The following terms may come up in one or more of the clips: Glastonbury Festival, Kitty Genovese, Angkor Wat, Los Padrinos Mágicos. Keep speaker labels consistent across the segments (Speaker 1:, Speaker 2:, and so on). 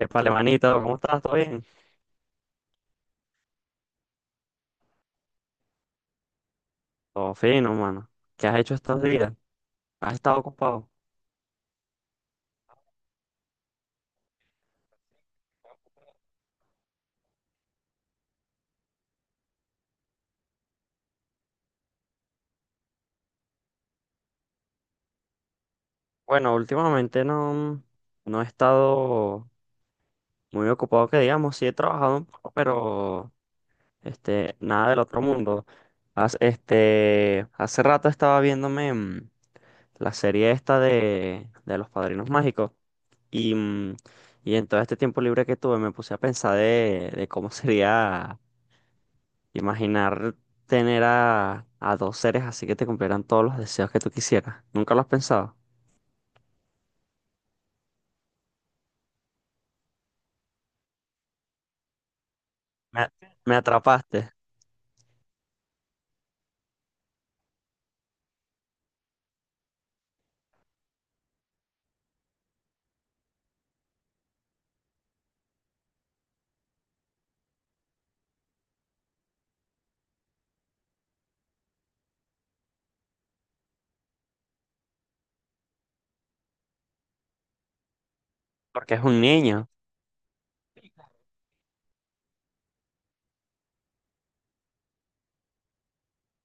Speaker 1: Épale, manito, ¿cómo estás? ¿Todo bien? Todo fino, mano. ¿Qué has hecho estos días? ¿Has estado ocupado? Bueno, últimamente no, no he estado muy ocupado, que digamos. Sí he trabajado un poco, pero nada del otro mundo. Hace rato estaba viéndome la serie esta de Los Padrinos Mágicos y, mm, y en todo este tiempo libre que tuve me puse a pensar de cómo sería. Imaginar tener a dos seres así que te cumplieran todos los deseos que tú quisieras. ¿Nunca lo has pensado? Me, me atrapaste, porque es un niño.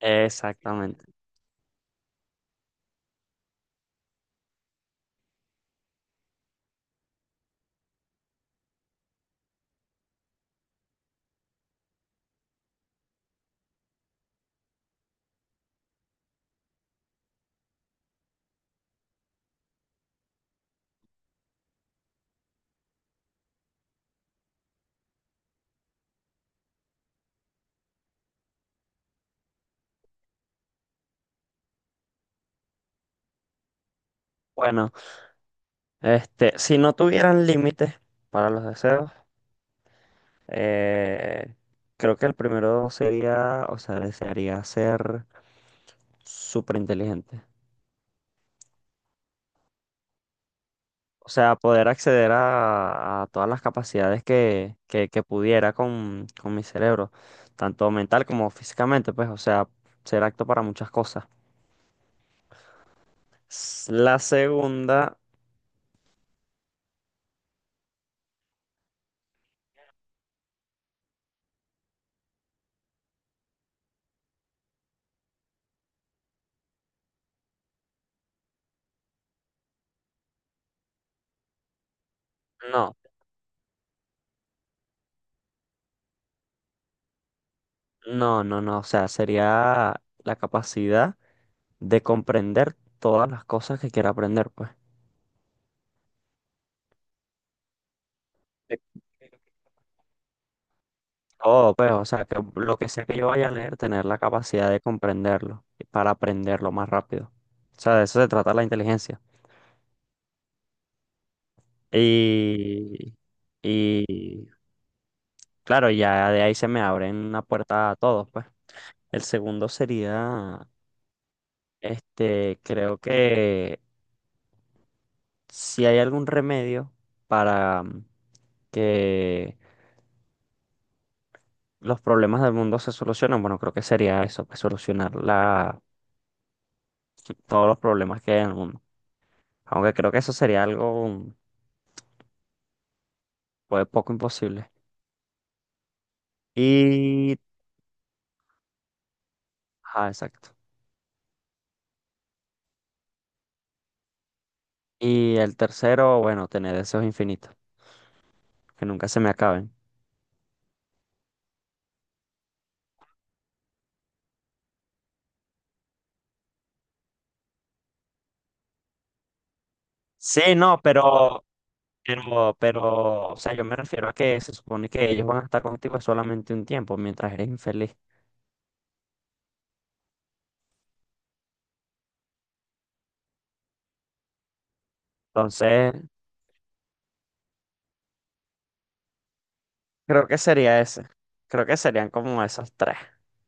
Speaker 1: Exactamente. Bueno, si no tuvieran límites para los deseos, eh, creo que el primero sería, o sea, desearía ser súper inteligente. O sea, poder acceder a todas las capacidades que pudiera con mi cerebro, tanto mental como físicamente, pues, o sea, ser apto para muchas cosas. La segunda, no, no, o sea, sería la capacidad de comprender todas las cosas que quiera aprender, pues. De todo, pues, o sea, que lo que sea que yo vaya a leer, tener la capacidad de comprenderlo y para aprenderlo más rápido. O sea, de eso se trata la inteligencia. Y, y claro, ya de ahí se me abren una puerta a todos, pues. El segundo sería, creo que si hay algún remedio para que los problemas del mundo se solucionen. Bueno, creo que sería eso, pues solucionar todos los problemas que hay en el mundo. Aunque creo que eso sería algo pues, poco imposible. Y, ah, exacto. Y el tercero, bueno, tener deseos infinitos, que nunca se me acaben. Sí, no, pero, pero, o sea, yo me refiero a que se supone que ellos van a estar contigo solamente un tiempo mientras eres infeliz. Entonces, creo que sería ese. Creo que serían como esos tres.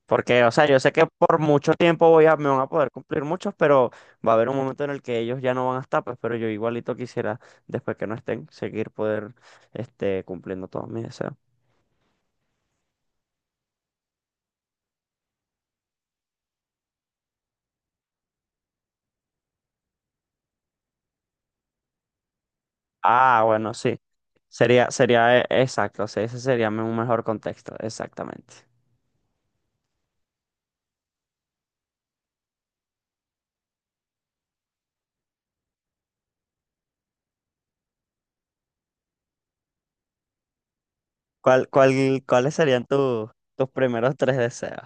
Speaker 1: Porque, o sea, yo sé que por mucho tiempo me van a poder cumplir muchos, pero va a haber un momento en el que ellos ya no van a estar, pues, pero yo igualito quisiera, después que no estén, seguir poder, cumpliendo todos mis deseos. Ah, bueno, sí. Sería, exacto, sí, ese sería un mejor contexto, exactamente. ¿ ¿cuáles serían tus primeros tres deseos?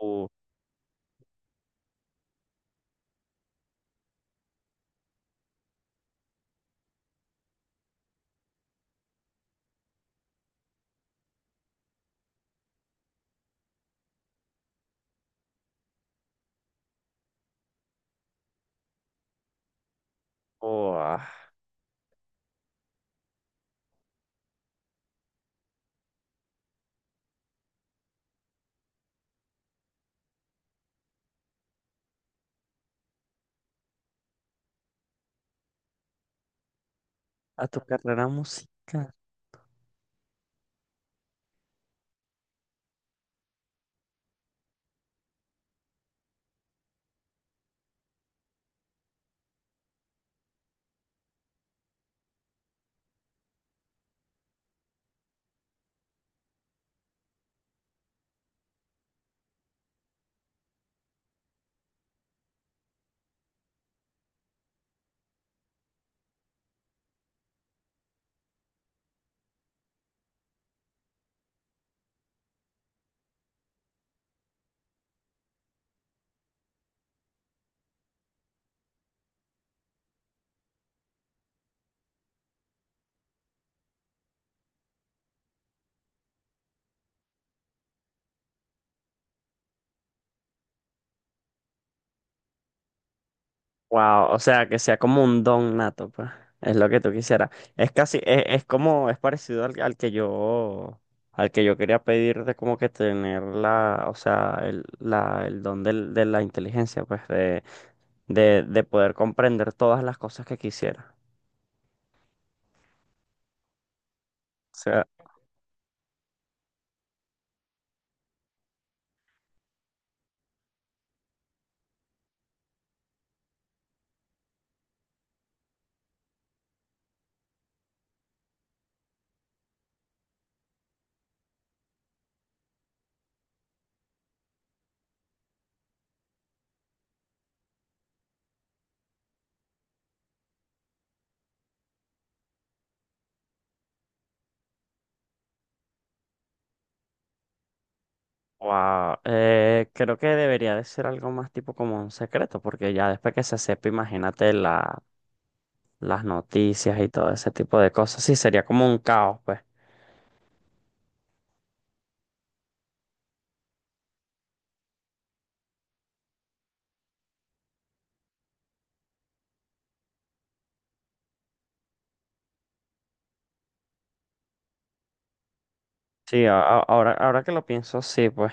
Speaker 1: Uh, ah, a tu carrera musical. Wow, o sea, que sea como un don nato, pues. Es lo que tú quisieras. Es casi, es como, es parecido al que yo quería pedir de como que tener la, o sea, el, la, el don de la inteligencia, pues, de poder comprender todas las cosas que quisiera. Wow, creo que debería de ser algo más tipo como un secreto, porque ya después que se sepa, imagínate las noticias y todo ese tipo de cosas, sí, sería como un caos, pues. Sí, ahora, ahora que lo pienso, sí, pues.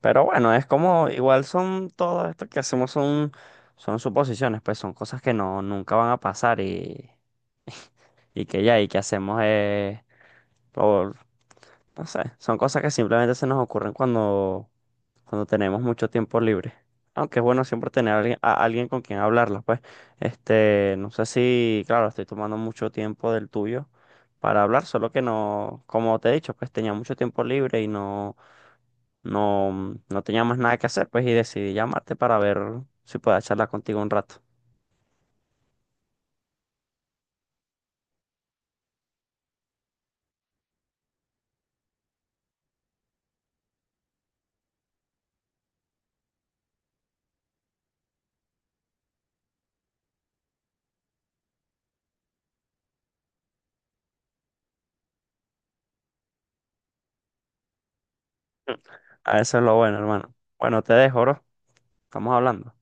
Speaker 1: Pero bueno, es como, igual son todo esto que hacemos son suposiciones, pues son cosas que no, nunca van a pasar y que ya, y que hacemos es por, no sé, son cosas que simplemente se nos ocurren cuando tenemos mucho tiempo libre. Aunque es bueno siempre tener a alguien con quien hablarlas, pues. No sé si, claro, estoy tomando mucho tiempo del tuyo para hablar, solo que no, como te he dicho, pues tenía mucho tiempo libre y no tenía más nada que hacer, pues, y decidí llamarte para ver si puedo charlar contigo un rato. A eso es lo bueno, hermano. Bueno, te dejo, bro. Estamos hablando.